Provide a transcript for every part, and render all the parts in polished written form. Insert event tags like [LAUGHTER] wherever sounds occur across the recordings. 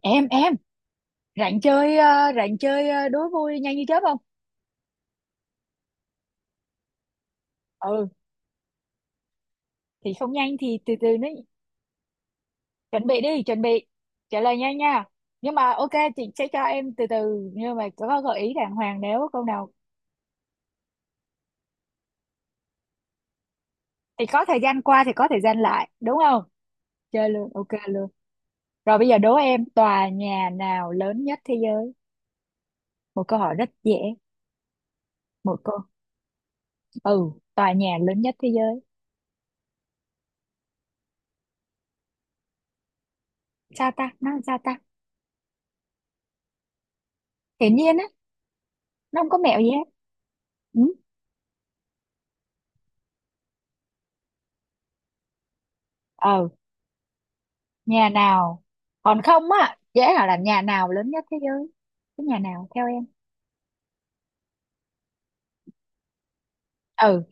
Em rảnh chơi, ờ, rảnh chơi, ờ, đố vui nhanh như chớp không? Ừ, thì không nhanh thì từ từ nó. Chuẩn bị đi, chuẩn bị trả lời nhanh nha. Nhưng mà ok, chị sẽ cho em từ từ, nhưng mà có gợi ý đàng hoàng nếu câu nào thì có thời gian qua, thì có thời gian lại, đúng không? Chơi luôn, ok luôn. Rồi bây giờ đố em, tòa nhà nào lớn nhất thế giới? Một câu hỏi rất dễ. Một câu. Ừ, tòa nhà lớn nhất thế giới. Sao ta, nó làm sao ta, hiển nhiên á? Nó không có mẹo gì hết. Ừ. Ờ. Nhà nào? Còn không á, dễ là làm, nhà nào lớn nhất thế giới? Cái nhà nào theo em? Ừ.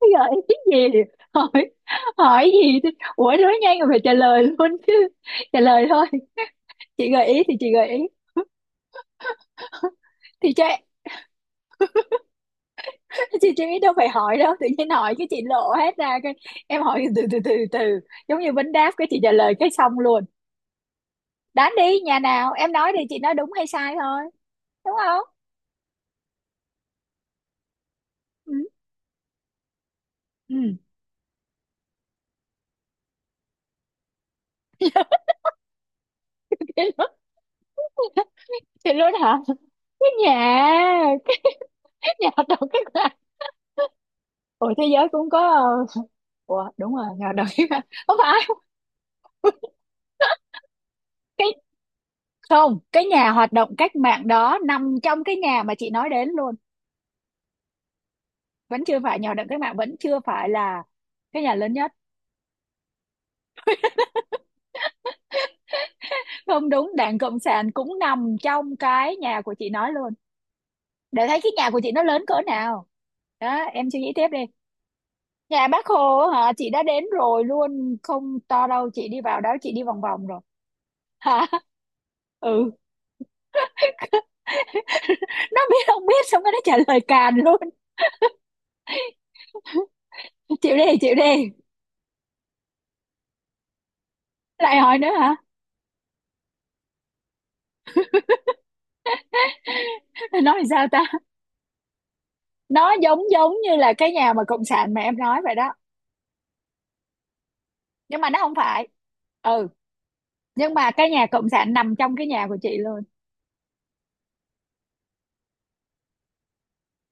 Bây giờ em, cái gì, hỏi, hỏi gì thế? Ủa nói nhanh rồi phải trả lời luôn chứ, trả lời thôi. Chị gợi ý thì chị gợi ý. Thì cho em- chị đâu phải hỏi đâu, tự nhiên hỏi cái chị lộ hết ra cái. Em hỏi từ từ từ từ, giống như vấn đáp cái chị trả lời cái xong luôn. Đoán đi, nhà nào em nói thì chị nói đúng hay sai thôi, đúng không? Ừ. Ừ. [LAUGHS] Thì luôn hả? Cái nhà. [LAUGHS] Nhà hoạt động cách mạng? Ủa thế giới cũng có, ờ, ủa đúng rồi, nhà hoạt động cách mạng không phải. Cái, không, cái nhà hoạt động cách mạng đó nằm trong cái nhà mà chị nói đến luôn, vẫn chưa phải. Nhà hoạt động cách mạng vẫn chưa phải là cái nhà lớn nhất. Không đúng, đảng cộng sản cũng nằm trong cái nhà của chị nói luôn, để thấy cái nhà của chị nó lớn cỡ nào. Đó, em suy nghĩ tiếp đi. Nhà bác Hồ á hả, chị đã đến rồi luôn, không to đâu, chị đi vào đó chị đi vòng vòng rồi. Hả? [LAUGHS] Ừ. Nó biết không biết xong cái nó trả lời càn luôn. Chịu đi, chịu đi. Lại hỏi nữa hả? Nói làm sao ta, nó giống giống như là cái nhà mà cộng sản mà em nói vậy đó, nhưng mà nó không phải. Ừ. Nhưng mà cái nhà cộng sản nằm trong cái nhà của chị luôn,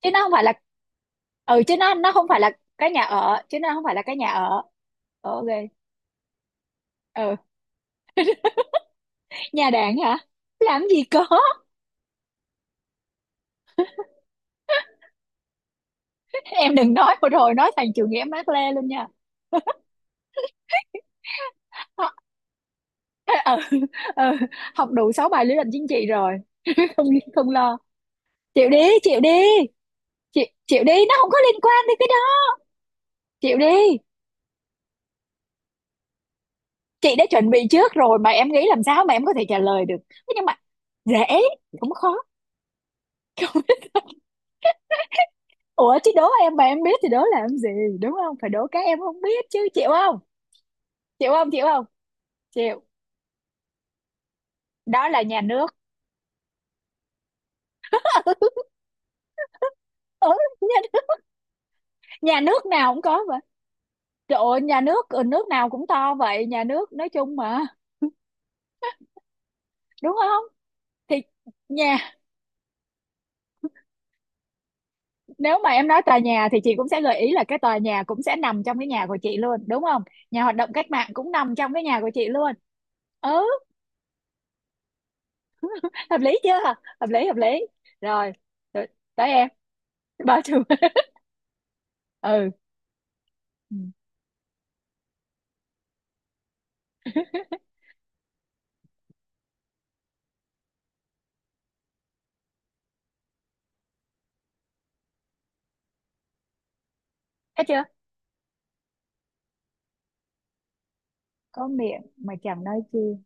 chứ nó không phải là. Ừ, chứ nó không phải là cái nhà ở, chứ nó không phải là cái nhà ở. Ờ, ok. Ừ. Nhà đảng hả? Làm gì có. Em đừng nói một hồi nói thành chủ nghĩa Mác Lê luôn nha. Ờ, ừ, ừ, học đủ 6 bài lý luận chính trị rồi. Không, không lo. Chịu đi, chịu đi, chịu chịu đi, nó không có liên quan đến cái đó, chịu đi. Chị đã chuẩn bị trước rồi mà em nghĩ làm sao mà em có thể trả lời được. Thế nhưng mà dễ cũng khó. Ủa chứ đố em mà em biết thì đố làm gì, đúng không? Phải đố cái em không biết chứ. Chịu không? Chịu không? Chịu không? Chịu. Đó là nhà nước. [LAUGHS] Ừ, nhà nước. Nhà nước nào cũng có vậy. Trời ơi, nhà nước, ừ, nước nào cũng to vậy, nhà nước nói chung mà. [LAUGHS] Đúng không? Thì nhà, nếu mà em nói tòa nhà thì chị cũng sẽ gợi ý là cái tòa nhà cũng sẽ nằm trong cái nhà của chị luôn, đúng không? Nhà hoạt động cách mạng cũng nằm trong cái nhà của chị luôn. Ừ. Hợp lý chưa? Hợp lý, hợp lý. Rồi, rồi, tới em. Bao trùm. [LAUGHS] Ừ. Ừ. Thấy chưa. Có miệng mà chẳng nói chi,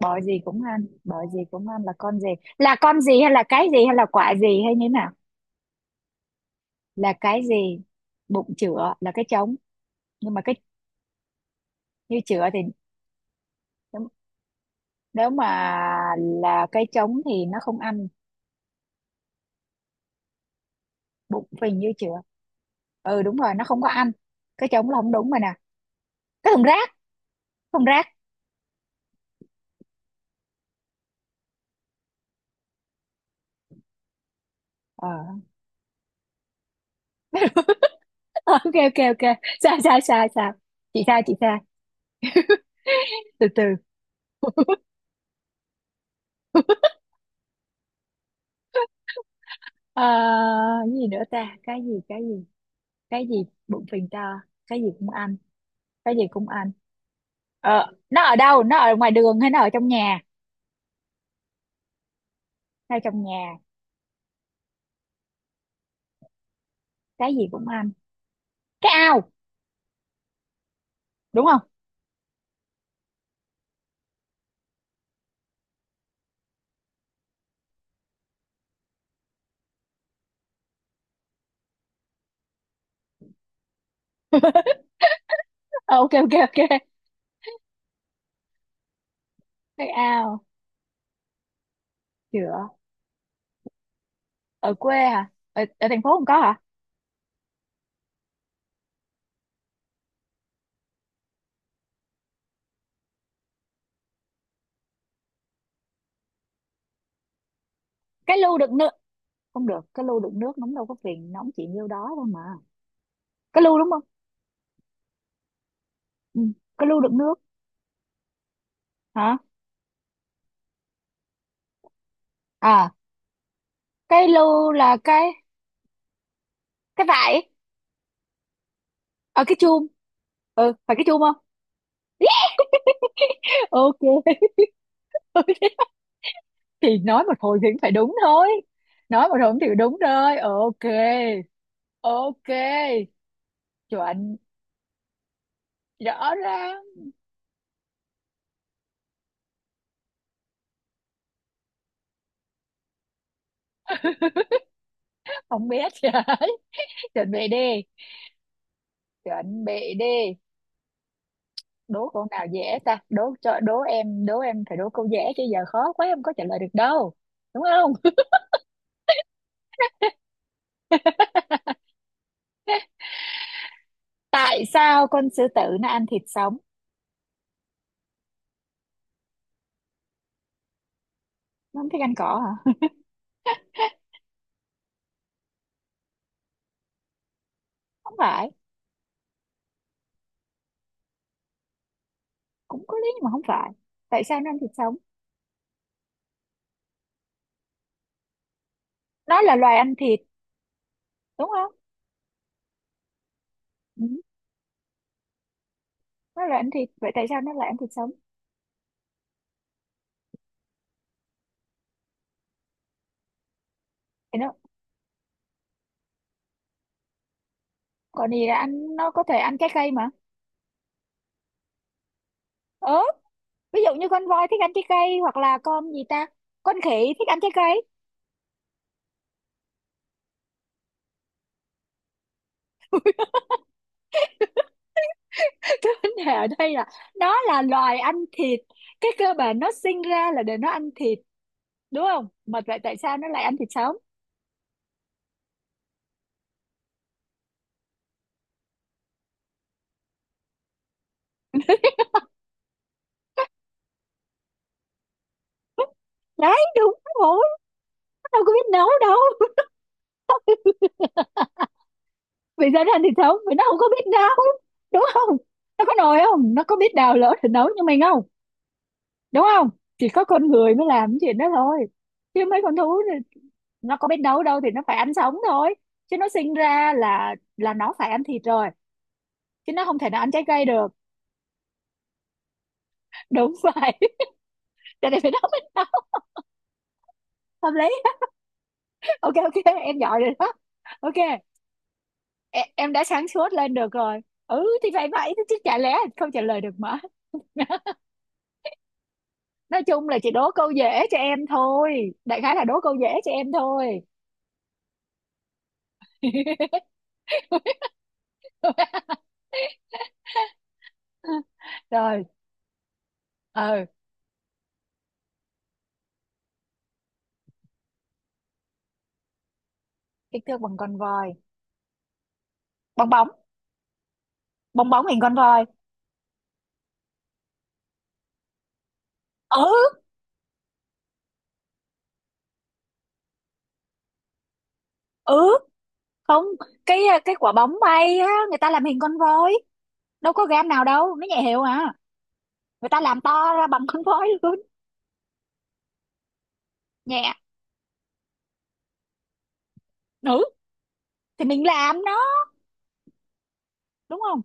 bỏ gì cũng ăn. Bỏ gì cũng ăn là con gì, là con gì hay là cái gì hay là quả gì hay như thế nào? Là cái gì? Bụng chửa là cái trống. Nhưng mà cái, như chửa thì, nếu nếu mà là cái trống thì nó không ăn. Bụng phì như chửa. Ừ đúng rồi, nó không có ăn. Cái trống là không đúng rồi nè. Cái thùng rác. Thùng rác. Ờ. [LAUGHS] Ok ok ok, sai sai sai sai, chị sai chị sai. Từ từ. Ờ, cái gì nữa ta, cái gì cái gì, cái gì, bụng phình to, cái gì cũng ăn, cái gì cũng ăn. Ờ nó ở đâu, nó ở ngoài đường hay nó ở trong nhà? Nó ở trong nhà. Cái gì cũng ăn. Cái ao, đúng không? Ờ, ok ok ok. Cái ao. Chữa. Ở quê hả? Ở, ở thành phố không có hả? Cái lu đựng nước. Không được, cái lu đựng nước nóng đâu, có phiền nóng chỉ nhiêu đó thôi mà. Cái lu đúng không? Ừ. Cái lu đựng nước. Hả? À cái lu là cái vải? Ở cái chum. Ừ phải cái chum không? [LAUGHS] Ok. [LAUGHS] Thì nói một hồi thì cũng phải đúng thôi, nói một hồi thì đúng rồi, ok. Ok. Chuẩn, rõ ràng. Không biết. [LAUGHS] Trời, chuẩn bị đi, chuẩn bị đi. Đố câu nào dễ ta, đố cho đố em, đố em phải đố câu dễ chứ giờ khó quá em có trả lời được đâu, đúng không? [LAUGHS] Tại sao con sư tử nó ăn thịt sống? Nó không thích ăn cỏ hả? Không phải, cũng có lý nhưng mà không phải. Tại sao nó ăn thịt sống? Nó là loài ăn thịt, đúng không? Ừ. Nó là ăn thịt vậy tại sao nó lại ăn thịt sống? Thì nó, còn gì là ăn, nó có thể ăn trái cây mà. Ừ. Ví dụ như con voi thích ăn trái cây hoặc là con gì ta, con khỉ, thích ăn trái cây. [LAUGHS] Cái vấn đề ở đây là nó là loài ăn thịt, cái cơ bản nó sinh ra là để nó ăn thịt, đúng không? Mà vậy tại sao nó lại ăn thịt sống? Đấy đúng rồi, nó đâu có biết nấu đâu. [LAUGHS] Vì sao nó ăn thịt sống, vì nó không có biết nấu, đúng không? Nó có nồi không, nó có biết đào lỗ để nấu như mình không, đúng không? Chỉ có con người mới làm cái chuyện đó thôi, chứ mấy con thú thì nó có biết nấu đâu, thì nó phải ăn sống thôi, chứ nó sinh ra là nó phải ăn thịt rồi, chứ nó không thể nào ăn trái cây được. Đúng vậy. [LAUGHS] Cho nên phải nấu, mới nấu. Hợp lý. Ok ok. [LAUGHS] Em giỏi rồi đó. Ok, em đã sáng suốt lên được rồi. Ừ thì phải vậy chứ chả lẽ không trả lời được mà. [LAUGHS] Nói chung là chị đố câu dễ cho em thôi, đại khái là đố câu dễ cho em thôi. [LAUGHS] Rồi. Ừ. Kích thước bằng con voi. Bong bóng. Bong bóng hình con voi. Ừ. Ừ. Không, cái, cái quả bóng bay á người ta làm hình con voi, đâu có gam nào đâu, nó nhẹ hiệu à, người ta làm to ra bằng con voi luôn, nhẹ. Ừ, thì mình làm nó, đúng không?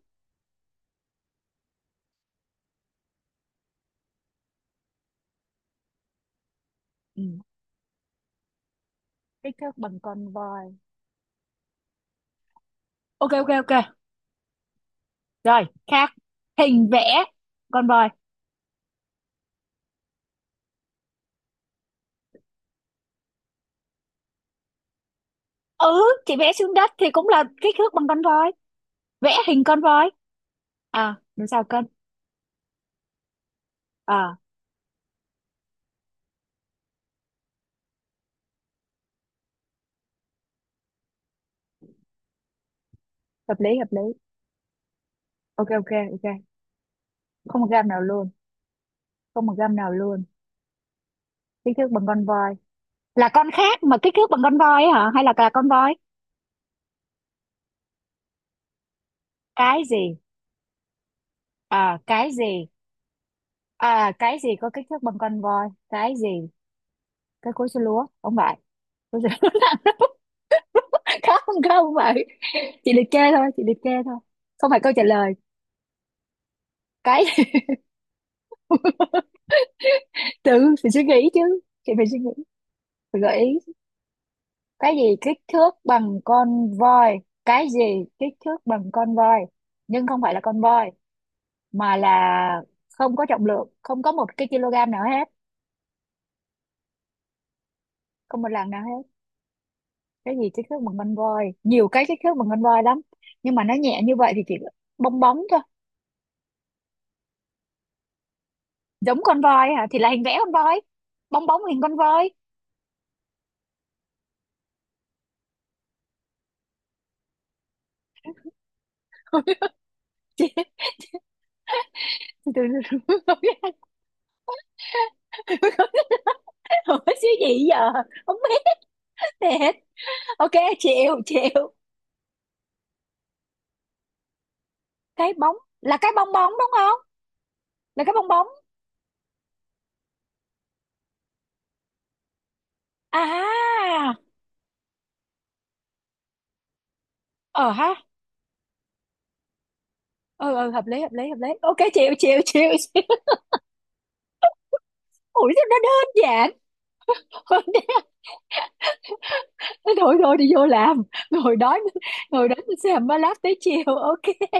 Ừ. Kích thước bằng con voi. Ok ok ok. Rồi khác. Hình vẽ con voi. Ừ chị vẽ xuống đất thì cũng là kích thước bằng con voi. Vẽ hình con voi. À làm sao cân. À, hợp lý hợp lý. Ok ok ok. Không một gam nào luôn. Không một gam nào luôn. Kích thước bằng con voi. Là con khác mà kích thước bằng con voi ấy hả, hay là con voi? Cái gì? À cái gì? À cái gì có kích thước bằng con voi? Cái gì, cái cối xay lúa không phải? Cối xay- lúa. [LAUGHS] Khác, không, không phải, chị liệt kê thôi, chị liệt kê thôi, không phải câu trả lời. Cái. [LAUGHS] Tự phải suy nghĩ chứ, chị phải suy nghĩ, phải gợi ý. Cái gì kích thước bằng con voi, cái gì kích thước bằng con voi nhưng không phải là con voi, mà là không có trọng lượng, không có một cái kg nào hết. Không một lần nào hết. Cái gì kích thước bằng con voi, nhiều cái kích thước bằng con voi lắm, nhưng mà nó nhẹ như vậy thì chỉ bong bóng thôi. Giống con voi hả, thì là hình vẽ con voi, bong bóng hình con voi. [LAUGHS] Chị từ từ. [LAUGHS] Ủa. [LAUGHS] Xíu gì giờ, không biết thiệt. Ok, chịu chịu. Cái bóng là cái bong bóng đúng không, là cái bong bóng. À. Ờ ha. Ừ ừ, hợp lý hợp lý hợp lý, ok, chịu chịu chịu. [LAUGHS] Chịu. Ủi sao nó đơn giản. [LAUGHS] Thôi, thôi đi vô làm, ngồi đói, ngồi đó xem mới lát tới chiều, ok.